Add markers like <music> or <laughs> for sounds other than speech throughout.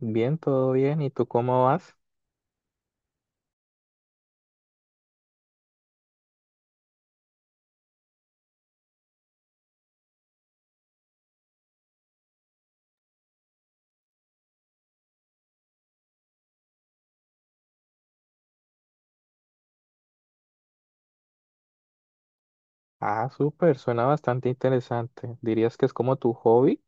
Bien, todo bien. ¿Y tú cómo vas? Ah, súper, suena bastante interesante. ¿Dirías que es como tu hobby?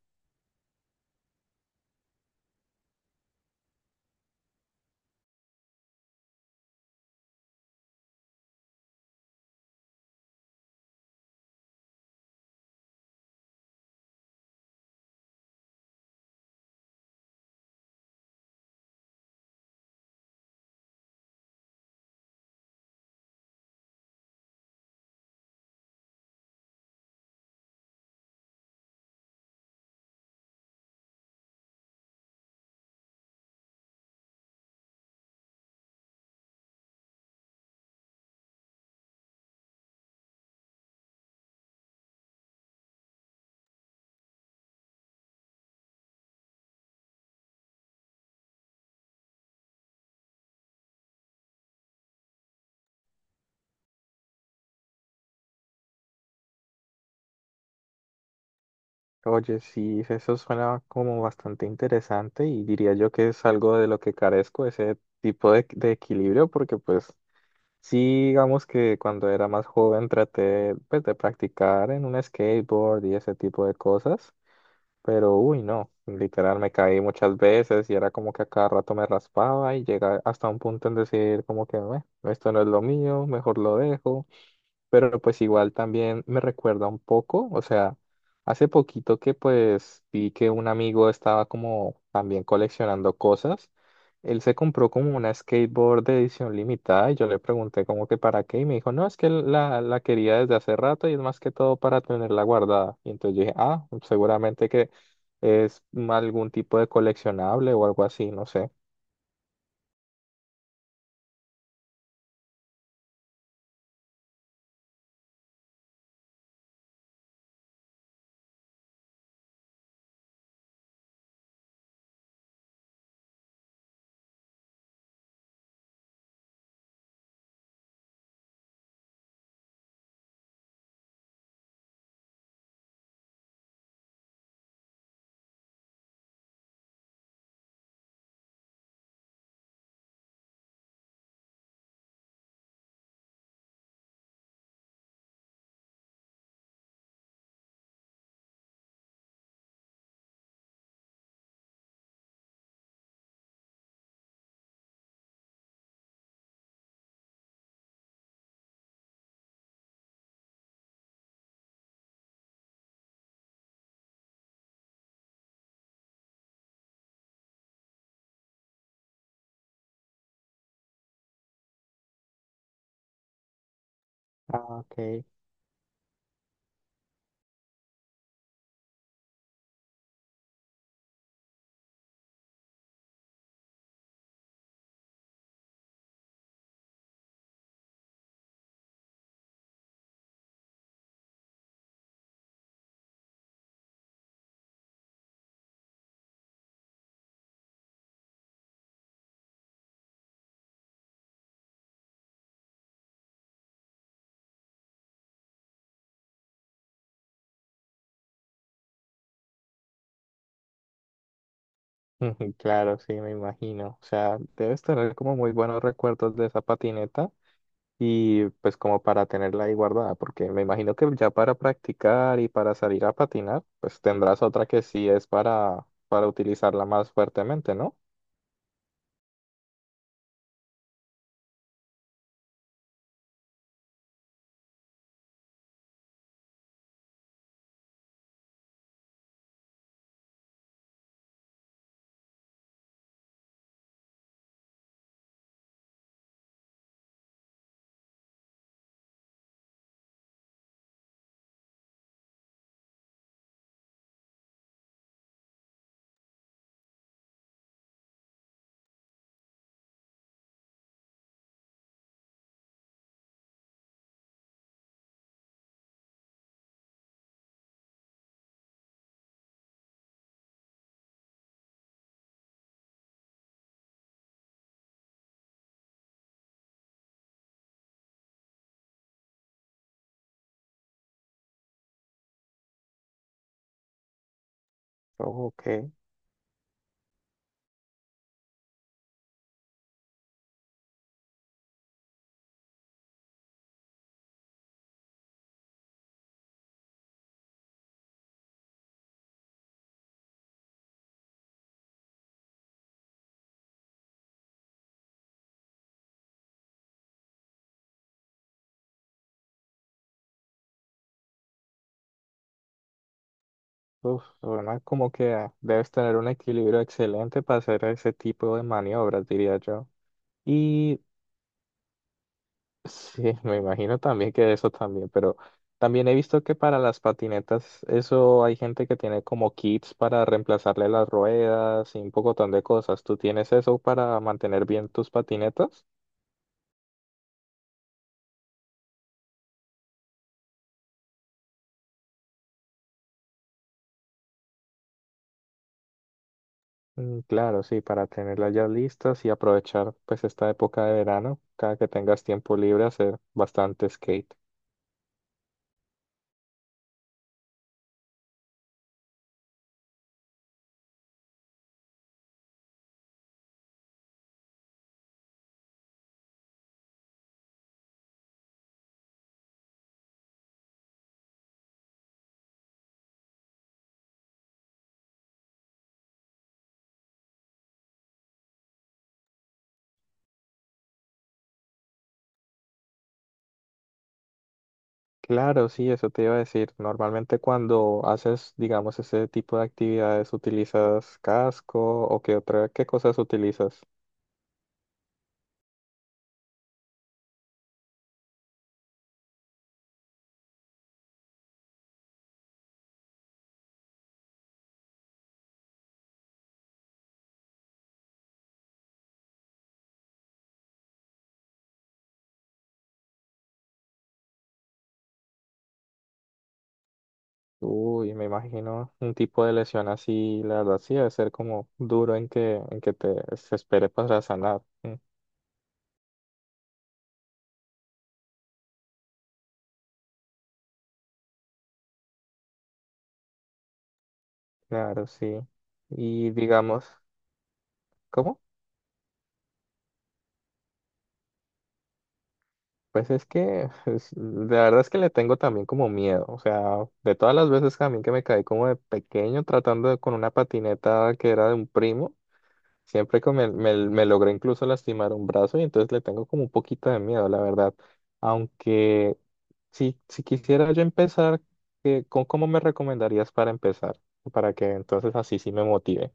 Oye, sí, eso suena como bastante interesante y diría yo que es algo de lo que carezco, ese tipo de equilibrio, porque pues sí, digamos que cuando era más joven traté pues de practicar en un skateboard y ese tipo de cosas, pero, uy, no, literal me caí muchas veces y era como que a cada rato me raspaba y llega hasta un punto en decir como que, "Meh, esto no es lo mío, mejor lo dejo". Pero pues igual también me recuerda un poco, o sea, hace poquito que pues vi que un amigo estaba como también coleccionando cosas, él se compró como una skateboard de edición limitada y yo le pregunté como que para qué y me dijo, no, es que la quería desde hace rato y es más que todo para tenerla guardada. Y entonces yo dije, ah, seguramente que es algún tipo de coleccionable o algo así, no sé. Ah, ok. <laughs> Ujú, claro, sí, me imagino. O sea, debes tener como muy buenos recuerdos de esa patineta y pues como para tenerla ahí guardada, porque me imagino que ya para practicar y para salir a patinar, pues tendrás otra que sí es para utilizarla más fuertemente, ¿no? Ok. Uf, suena como que debes tener un equilibrio excelente para hacer ese tipo de maniobras, diría yo. Y sí, me imagino también que eso también, pero también he visto que para las patinetas, eso hay gente que tiene como kits para reemplazarle las ruedas y un pocotón de cosas. ¿Tú tienes eso para mantener bien tus patinetas? Mm, claro, sí, para tenerlas ya listas y aprovechar pues esta época de verano, cada que tengas tiempo libre, hacer bastante skate. Claro, sí, eso te iba a decir. Normalmente cuando haces, digamos, ese tipo de actividades, ¿utilizas casco o qué otra, qué cosas utilizas? Uy, me imagino un tipo de lesión así, la verdad sí debe ser como duro en que te se espere para sanar. Mm, claro, sí. Y digamos, ¿cómo? Pues es que <laughs> la verdad es que le tengo también como miedo. O sea, de todas las veces también que me caí como de pequeño tratando con una patineta que era de un primo, siempre que me logré incluso lastimar un brazo y entonces le tengo como un poquito de miedo, la verdad. Aunque si, si quisiera yo empezar, ¿con cómo me recomendarías para empezar? Para que entonces así sí me motive.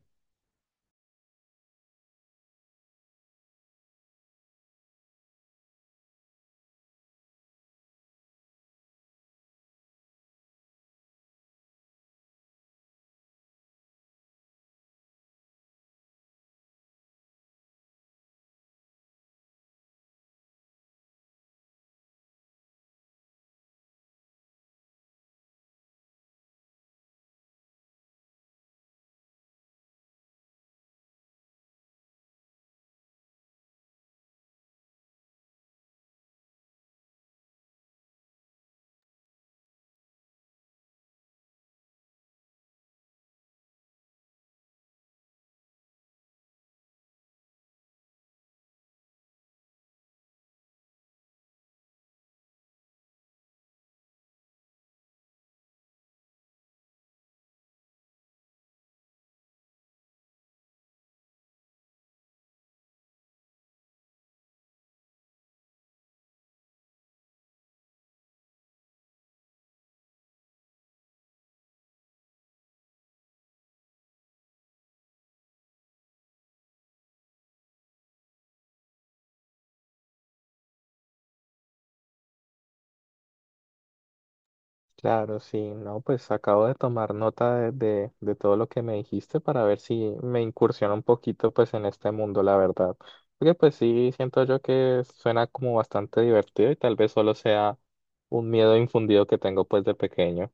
Claro, sí, no, pues acabo de tomar nota de todo lo que me dijiste para ver si me incursiona un poquito pues en este mundo, la verdad. Porque pues sí, siento yo que suena como bastante divertido y tal vez solo sea un miedo infundido que tengo pues de pequeño.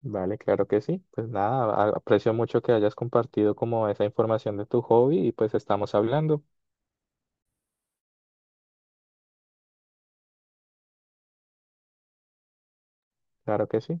Vale, claro que sí. Pues nada, aprecio mucho que hayas compartido como esa información de tu hobby y pues estamos hablando. Claro que sí.